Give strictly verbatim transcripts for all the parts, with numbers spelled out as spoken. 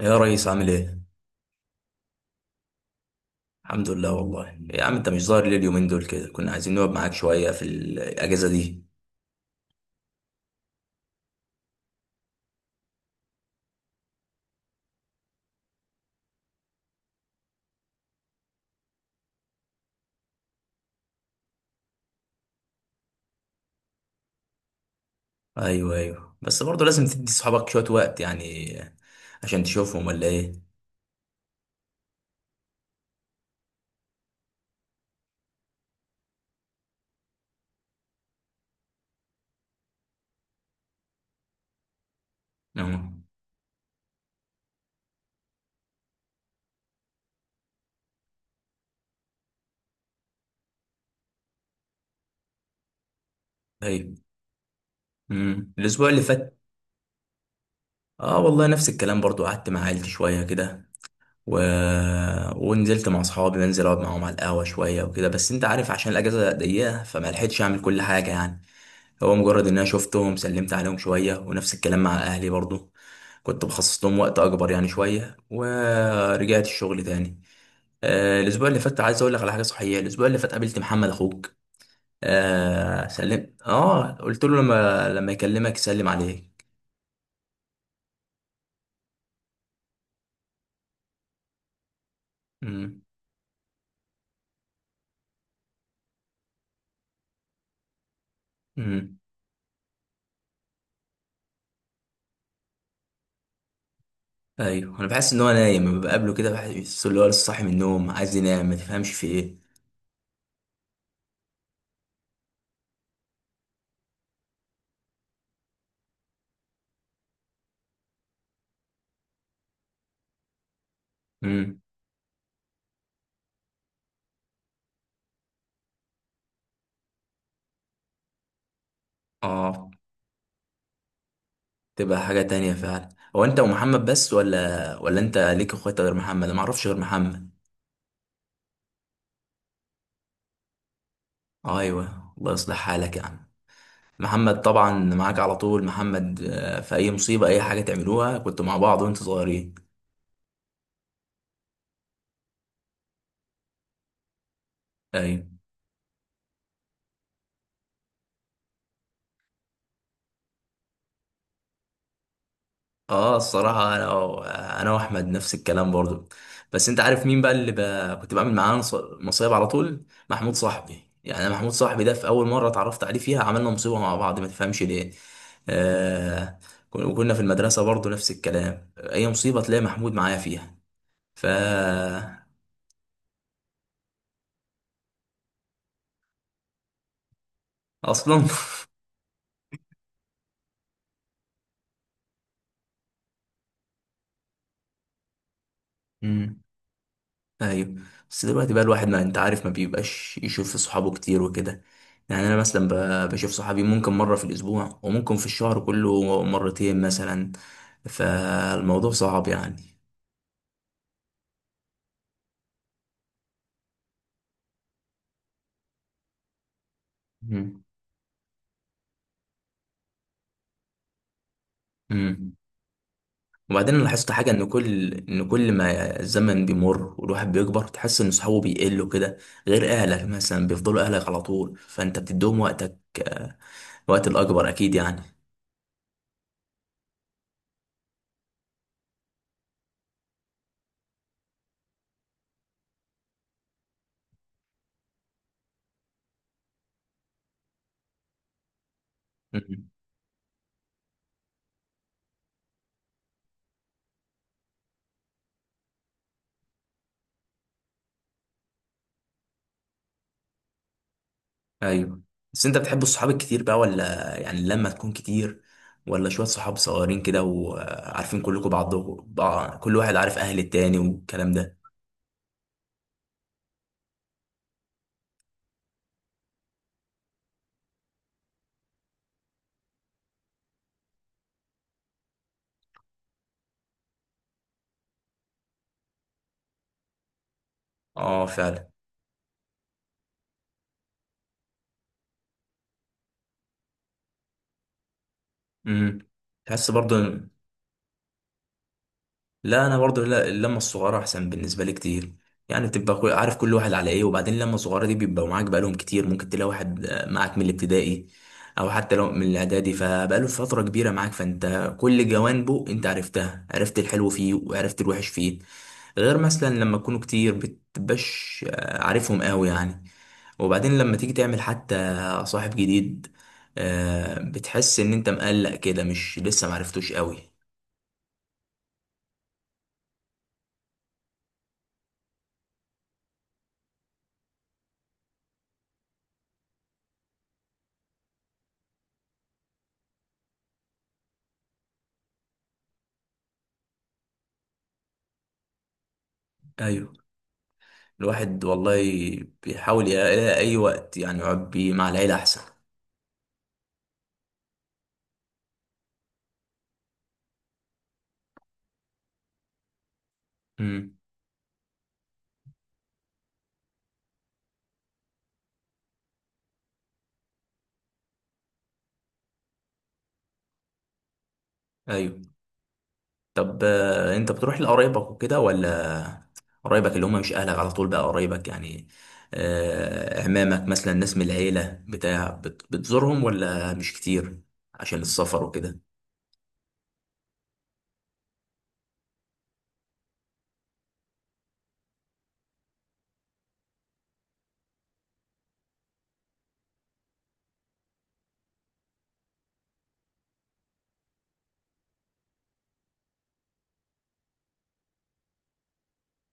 يا ريس عامل ايه؟ الحمد لله والله يا عم، انت مش ظاهر ليه اليومين دول كده؟ كنا عايزين نقعد معاك شوية في الأجازة دي. ايوه ايوه، بس برضه لازم تدي صحابك شوية وقت يعني. عشان تشوفهم ولا ايه؟ اه. ايوه. امم الأسبوع اللي فات، اه والله نفس الكلام برضه، قعدت مع عيلتي شوية كده و... ونزلت مع اصحابي، بنزل اقعد معاهم على القهوة شوية وكده، بس انت عارف عشان الأجازة ضيقة فما لحقتش اعمل كل حاجة يعني. هو مجرد ان انا شفتهم سلمت عليهم شويه، ونفس الكلام مع اهلي برضو. كنت بخصص لهم وقت اكبر يعني شويه، ورجعت الشغل تاني. آه الاسبوع اللي فات عايز اقول لك على حاجه صحيه، الاسبوع اللي فات قابلت محمد اخوك. آه سلمت، اه قلت له لما لما يكلمك يسلم عليك. امم. امم. ايوه، انا بحس ان هو نايم لما بقابله كده، بحس ان هو لسه صاحي من النوم عايز ينام، ما تفهمش في ايه. امم. اه، تبقى حاجة تانية فعلا. هو انت ومحمد بس ولا ولا انت ليك اخوات غير محمد؟ انا معرفش غير محمد. ايوه الله يصلح حالك يا عم. محمد طبعا معاك على طول محمد، آه، في اي مصيبة اي حاجة تعملوها كنتوا مع بعض وانتوا صغيرين. ايوه. اه، الصراحة انا انا واحمد نفس الكلام برضو. بس انت عارف مين بقى اللي ب... كنت بعمل معاه نص- مصايب على طول، محمود صاحبي. يعني أنا محمود صاحبي ده في اول مرة اتعرفت عليه فيها عملنا مصيبة مع بعض، ما تفهمش ليه. آه... كن- وكنا في المدرسة برضو نفس الكلام، اي مصيبة تلاقي محمود معايا فيها. ف اصلا. مم. ايوه. بس دلوقتي بقى الواحد، ما انت عارف، ما بيبقاش يشوف صحابه كتير وكده. يعني انا مثلا ب- بشوف صحابي ممكن مره في الاسبوع، وممكن في الشهر كله مرتين مثلا. فالموضوع صعب يعني. مم. مم. وبعدين انا لاحظت حاجه، ان كل ان كل ما الزمن بيمر والواحد بيكبر، تحس ان صحابه بيقلوا كده. غير اهلك مثلا بيفضلوا اهلك على طول، فانت بتديهم وقتك، آه، وقت الاكبر اكيد يعني. ايوه، بس انت بتحب الصحاب الكتير بقى ولا؟ يعني لما تكون كتير، ولا شوية صحاب صغيرين كده وعارفين كلكم بعضكم بع- كل واحد عارف اهل التاني والكلام ده. اه فعلا. امم. تحس برضه. لا، انا برضو لا، اللمه الصغيره احسن بالنسبه لي كتير. يعني بتبقى كل- عارف كل واحد على ايه، وبعدين اللمه الصغيره دي بيبقوا معاك بقالهم كتير، ممكن تلاقي واحد آه، معاك من الابتدائي او حتى لو من الاعدادي، فبقاله فتره كبيره معاك فانت كل جوانبه انت عرفتها، عرفت الحلو فيه وعرفت الوحش فيه. غير مثلا لما تكونوا كتير بتبقاش آه، عارفهم قوي يعني. وبعدين لما تيجي تعمل حتى صاحب جديد، آه، بتحس ان انت مقلق كده، مش لسه معرفتوش قوي. ايوه. الواحد والله بيحاول يلاقي أي وقت يعني يقعد بيه مع العيلة أحسن. امم. أيوه. طب آه، أنت بتروح لقرايبك وكده ولا؟ قرايبك اللي هم مش أهلك على طول بقى، قرايبك يعني، آه، عمامك مثلا، ناس من العيلة بتاع بت- بتزورهم ولا مش كتير؟ عشان السفر وكده.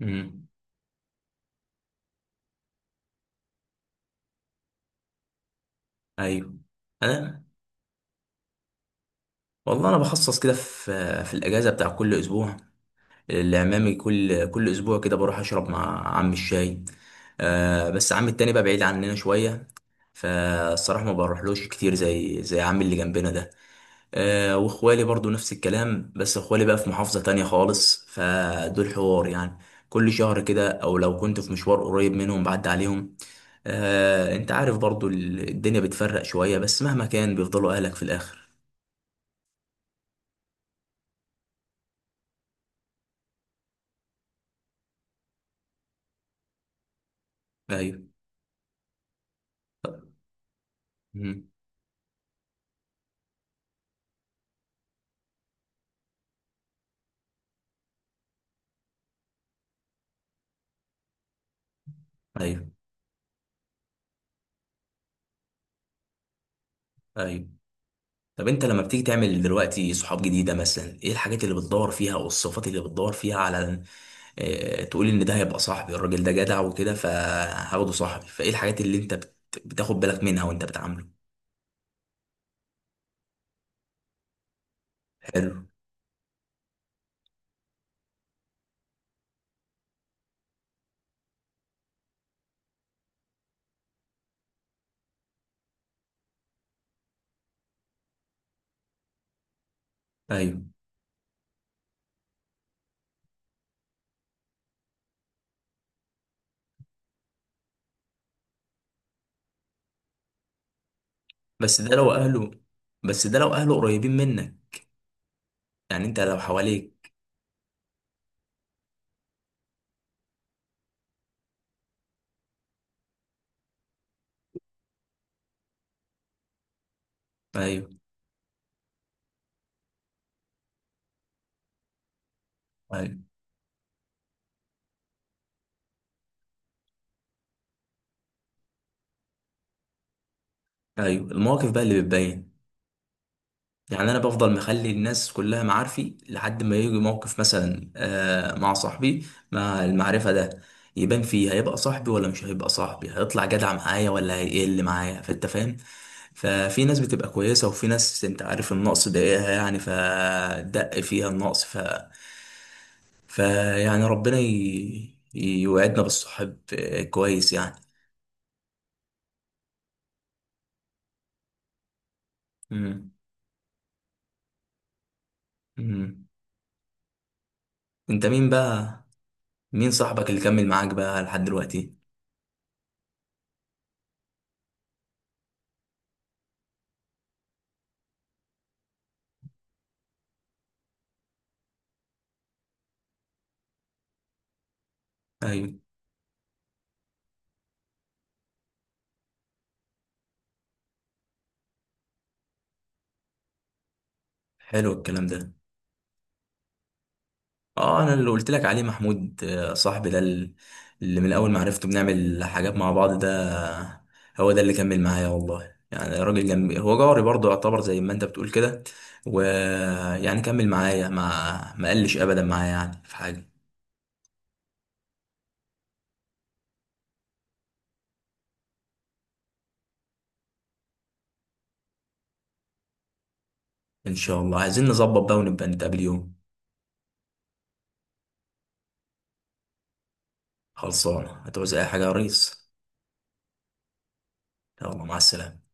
امم. أيوه. أنا والله، أنا بخصص كده في في الأجازة بتاع كل أسبوع لعمامي، كل كل اسبوع كده بروح اشرب مع عم الشاي. آه بس عم التاني بقى بعيد عننا شويه، فالصراحه ما بروحلوش كتير زي زي عمي اللي جنبنا ده. آه واخوالي برضو نفس الكلام، بس اخوالي بقى في محافظه تانية خالص، فدول حوار يعني كل شهر كده، او لو كنت في مشوار قريب منهم بعد عليهم. آه انت عارف برضو ال- الدنيا بتفرق شويه، بس مهما كان بيفضلوا اهلك في الاخر. ايوه. مم. ايوه. ايوه. طب انت لما بتيجي تعمل دلوقتي صحاب جديده مثلا، ايه الحاجات اللي بتدور فيها او الصفات اللي بتدور فيها على، اه تقول ان ده هيبقى صاحبي، الراجل ده جدع وكده فهاخده صاحبي، فايه الحاجات اللي انت بت... بتاخد بالك منها وانت بتعامله. حلو. ايوه. بس ده لو اهله بس ده لو اهله قريبين منك، يعني انت لو حواليك. ايوه ايوه ايوه، المواقف بقى اللي بتبين. يعني انا بفضل مخلي الناس كلها معارفي لحد ما يجي موقف، مثلا آه، مع صاحبي، مع المعرفة ده، يبان فيه، هيبقى صاحبي ولا مش هيبقى صاحبي، هيطلع جدع معايا ولا هيقل معايا، فانت فاهم. ففي ناس بتبقى كويسة، وفي ناس انت عارف النقص ضايقها يعني فدق فيها النقص. ف فيعني ربنا ي... يوعدنا بالصحاب آه، كويس يعني. مم. مم. انت مين بقى مين صاحبك اللي كمل معاك بقى لحد دلوقتي؟ ايوه، حلو الكلام ده. اه، انا اللي قلت لك عليه محمود، آه، صاحبي ده ال- اللي من اول ما عرفته بنعمل حاجات مع بعض ده، هو ده اللي كمل معايا والله. يعني راجل جنبي، هو جاري برضه، يعتبر زي ما انت بتقول كده، ويعني كمل معايا، ما ما قلش ابدا معايا يعني في حاجه. ان شاء الله عايزين نظبط بقى ونبقى نتقابل يوم. خلصانه، هتعوز اي حاجه يا ريس؟ يلا مع السلامه.